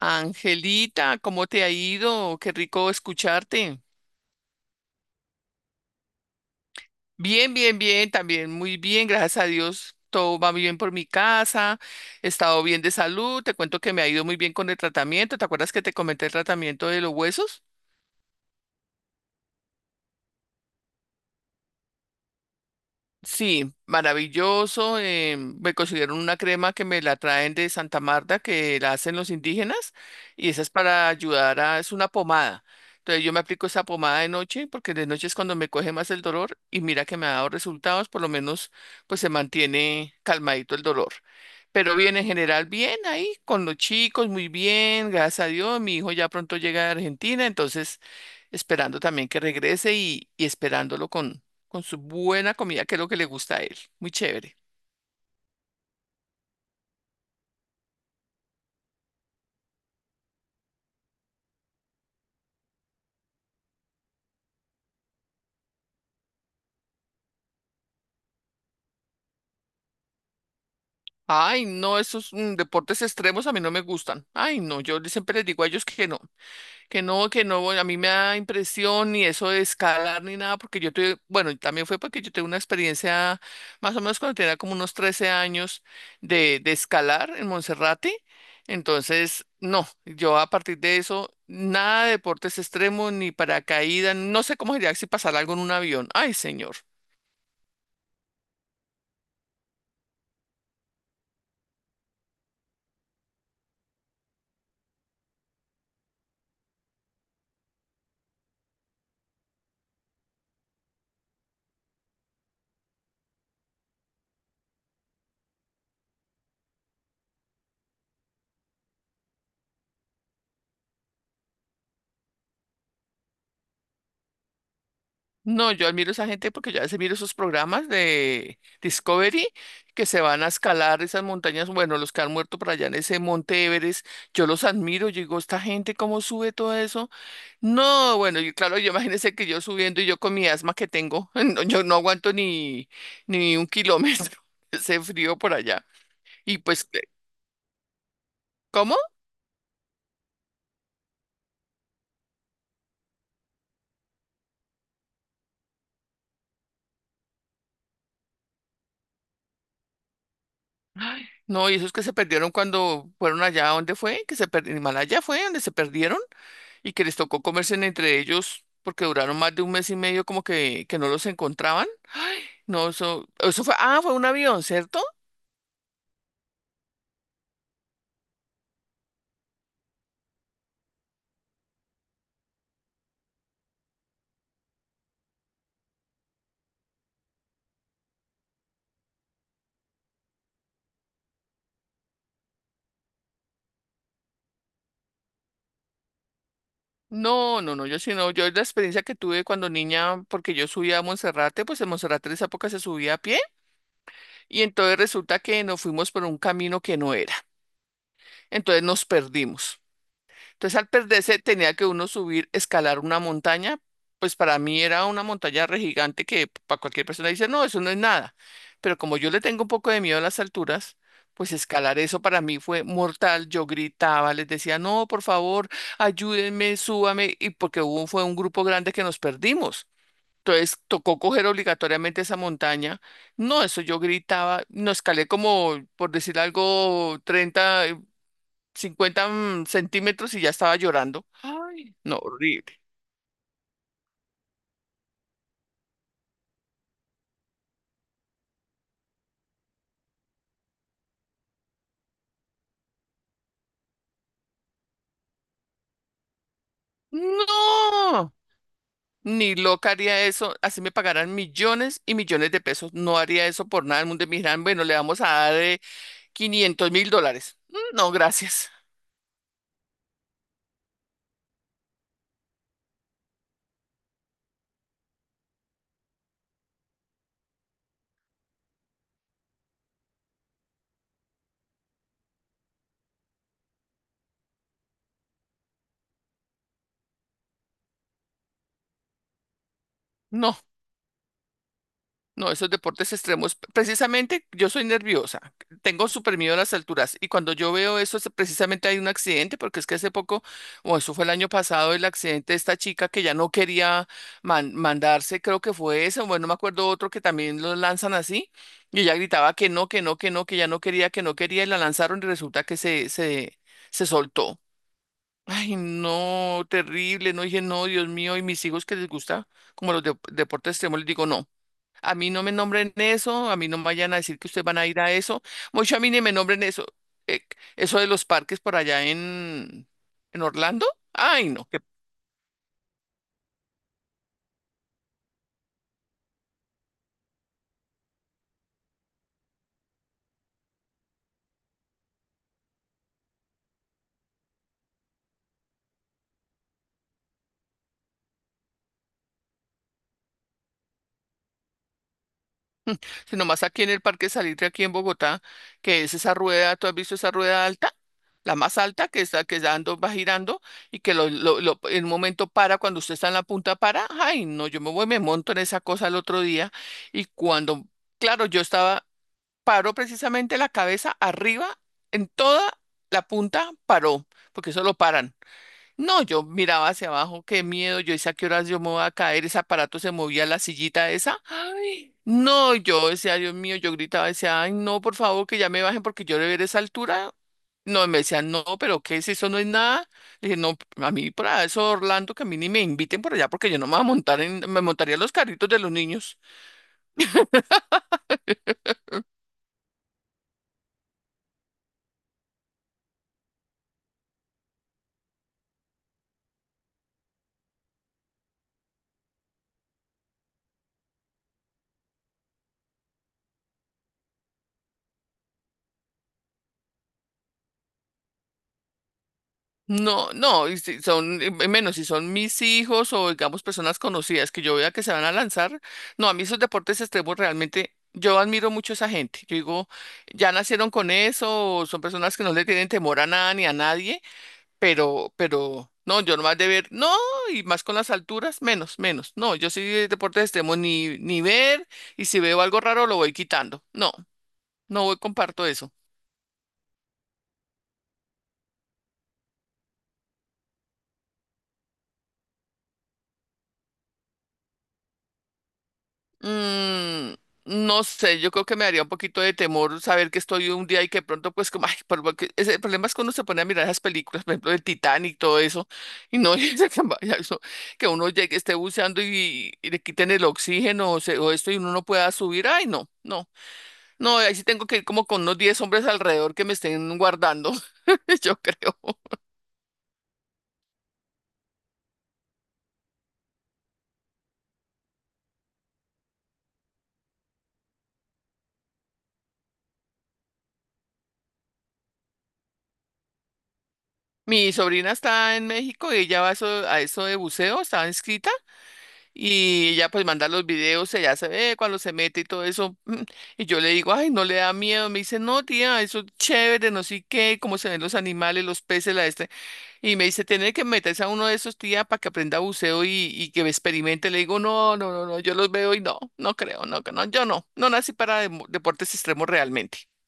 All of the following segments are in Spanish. Angelita, ¿cómo te ha ido? Qué rico escucharte. Bien, bien, bien, también muy bien, gracias a Dios. Todo va bien por mi casa, he estado bien de salud, te cuento que me ha ido muy bien con el tratamiento. ¿Te acuerdas que te comenté el tratamiento de los huesos? Sí, maravilloso. Me consiguieron una crema que me la traen de Santa Marta, que la hacen los indígenas, y esa es para ayudar a, es una pomada. Entonces yo me aplico esa pomada de noche, porque de noche es cuando me coge más el dolor, y mira que me ha dado resultados, por lo menos pues se mantiene calmadito el dolor. Pero bien, en general, bien ahí, con los chicos, muy bien, gracias a Dios. Mi hijo ya pronto llega de Argentina, entonces esperando también que regrese y esperándolo con su buena comida, que es lo que le gusta a él. Muy chévere. Ay, no, esos deportes extremos a mí no me gustan. Ay, no, yo siempre les digo a ellos que no. Que no, que no, a mí me da impresión ni eso de escalar ni nada, porque yo tuve, bueno, y también fue porque yo tuve una experiencia más o menos cuando tenía como unos 13 años de escalar en Monserrate. Entonces, no, yo a partir de eso, nada de deportes extremos ni paracaídas, no sé cómo sería si pasara algo en un avión. Ay, señor. No, yo admiro a esa gente porque yo a veces miro esos programas de Discovery que se van a escalar esas montañas, bueno, los que han muerto por allá en ese monte Everest, yo los admiro, yo digo, esta gente cómo sube todo eso. No, bueno, y claro, yo imagínense que yo subiendo y yo con mi asma que tengo, no, yo no aguanto ni un kilómetro, ese frío por allá. Y pues, ¿cómo? Ay, no, y esos que se perdieron cuando fueron allá, ¿dónde fue? Que se perdieron, Himalaya fue donde se perdieron. Y que les tocó comerse entre ellos porque duraron más de un mes y medio como que no los encontraban. No, eso fue, ah, fue un avión, ¿cierto? No, no, no, yo sí no, yo la experiencia que tuve cuando niña, porque yo subía a Monserrate, pues en Monserrate en esa época se subía a pie, y entonces resulta que nos fuimos por un camino que no era, entonces nos perdimos. Entonces, al perderse, tenía que uno subir, escalar una montaña. Pues para mí era una montaña re gigante que para cualquier persona dice, no, eso no es nada. Pero como yo le tengo un poco de miedo a las alturas, pues escalar eso para mí fue mortal. Yo gritaba, les decía, no, por favor, ayúdenme, súbame. Y porque hubo, fue un grupo grande que nos perdimos. Entonces tocó coger obligatoriamente esa montaña. No, eso yo gritaba, no escalé como, por decir algo, 30, 50 centímetros y ya estaba llorando, no, horrible. No, ni loca haría eso. Así me pagarán millones y millones de pesos. No haría eso por nada. El mundo me dirán, bueno, le vamos a dar 500 mil dólares. Mm, no, gracias. No. No, esos deportes extremos, precisamente yo soy nerviosa, tengo súper miedo a las alturas y cuando yo veo eso, precisamente hay un accidente, porque es que hace poco, o eso fue el año pasado, el accidente de esta chica que ya no quería mandarse, creo que fue ese, bueno, no me acuerdo otro que también lo lanzan así y ella gritaba que no, que no, que no, que ya no quería, que no quería y la lanzaron y resulta que se soltó. Ay, no, terrible, no dije, no, Dios mío, y mis hijos que les gusta como los deportes extremos, les digo, no. A mí no me nombren eso, a mí no me vayan a decir que ustedes van a ir a eso. Mucho a mí ni me nombren eso. eh, Eso de los parques por allá en, Orlando. Ay, no, que, sino más aquí en el Parque Salitre, aquí en Bogotá, que es esa rueda, ¿tú has visto esa rueda alta? La más alta que está, que dando, va girando y que en un momento para, cuando usted está en la punta para. Ay, no, yo me voy, me monto en esa cosa el otro día y cuando, claro, yo estaba. Paró precisamente la cabeza arriba, en toda la punta paró, porque eso lo paran. No, yo miraba hacia abajo, qué miedo, yo hice a qué horas yo me voy a caer, ese aparato se movía la sillita esa. Ay, no, yo decía, Dios mío, yo gritaba, decía, ay, no, por favor, que ya me bajen porque yo de ver esa altura. No, y me decían, no, pero ¿qué es eso? No es nada. Le dije, no, a mí para eso, Orlando, que a mí ni me inviten por allá porque yo no me voy a montar en, me montaría en los carritos de los niños. No, no, y si son, y menos si son mis hijos o digamos personas conocidas que yo vea que se van a lanzar. No, a mí esos deportes extremos realmente, yo admiro mucho a esa gente. Yo digo, ya nacieron con eso, o son personas que no le tienen temor a nada ni a nadie, no, yo nomás de ver, no, y más con las alturas, menos, menos. No, yo sí de deportes extremos ni ver, y si veo algo raro lo voy quitando. No, no voy, comparto eso. Mm, no sé, yo creo que me daría un poquito de temor saber que estoy un día y que pronto, pues, como, ay, por lo el problema es cuando se pone a mirar esas películas, por ejemplo, el Titanic y todo eso, y no dice que, vaya eso, que uno llegue, esté buceando y le quiten el oxígeno o, o esto y uno no pueda subir. Ay, no, no, no, ahí sí tengo que ir como con unos 10 hombres alrededor que me estén guardando, yo creo. Mi sobrina está en México y ella va a eso de buceo, estaba inscrita. Y ella pues manda los videos, ella se ve cuando se mete y todo eso. Y yo le digo, ay, no le da miedo. Me dice, no, tía, eso es chévere, no sé qué, cómo se ven los animales, los peces, la este. Y me dice, tiene que meterse a uno de esos, tía, para que aprenda buceo y que experimente. Le digo, no, no, no, no, yo los veo y no, no creo, no, que no, yo no, no nací para deportes extremos realmente.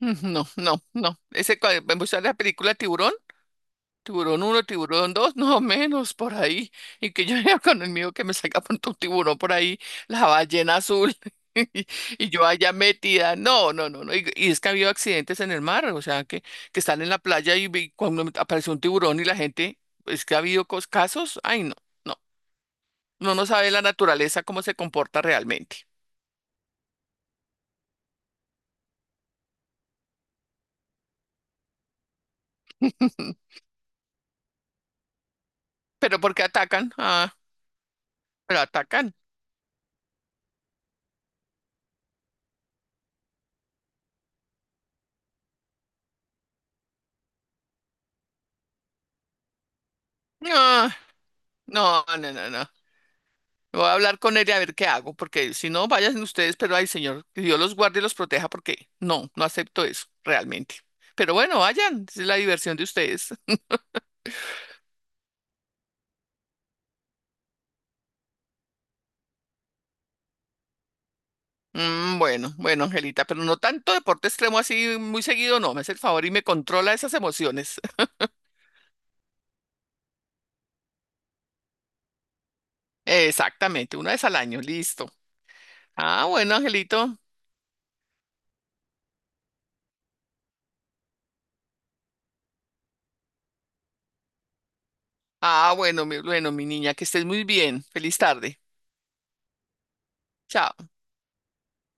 Mm, no, no, no. Ese, me mostró la película Tiburón. Tiburón uno, tiburón dos, no menos por ahí. Y que yo ya con el mío que me saca pronto un tiburón por ahí, la ballena azul. Y y yo allá metida. No, no, no, no. Y es que ha habido accidentes en el mar, o sea, que están en la playa cuando apareció un tiburón y la gente, es que ha habido casos. Ay, no, no. No sabe la naturaleza cómo se comporta realmente. Pero ¿por qué atacan? Ah, pero atacan. No, no, no, no, no. Voy a hablar con él y a ver qué hago, porque si no, vayan ustedes, pero ay, señor, que Dios los guarde y los proteja, porque no, no acepto eso, realmente. Pero bueno, vayan, esa es la diversión de ustedes. Bueno, bueno, Angelita, pero no tanto deporte extremo así muy seguido, no, me hace el favor y me controla esas emociones. Exactamente, una vez al año, listo. Ah, bueno, Angelito. Ah, bueno, mi niña, que estés muy bien. Feliz tarde. Chao.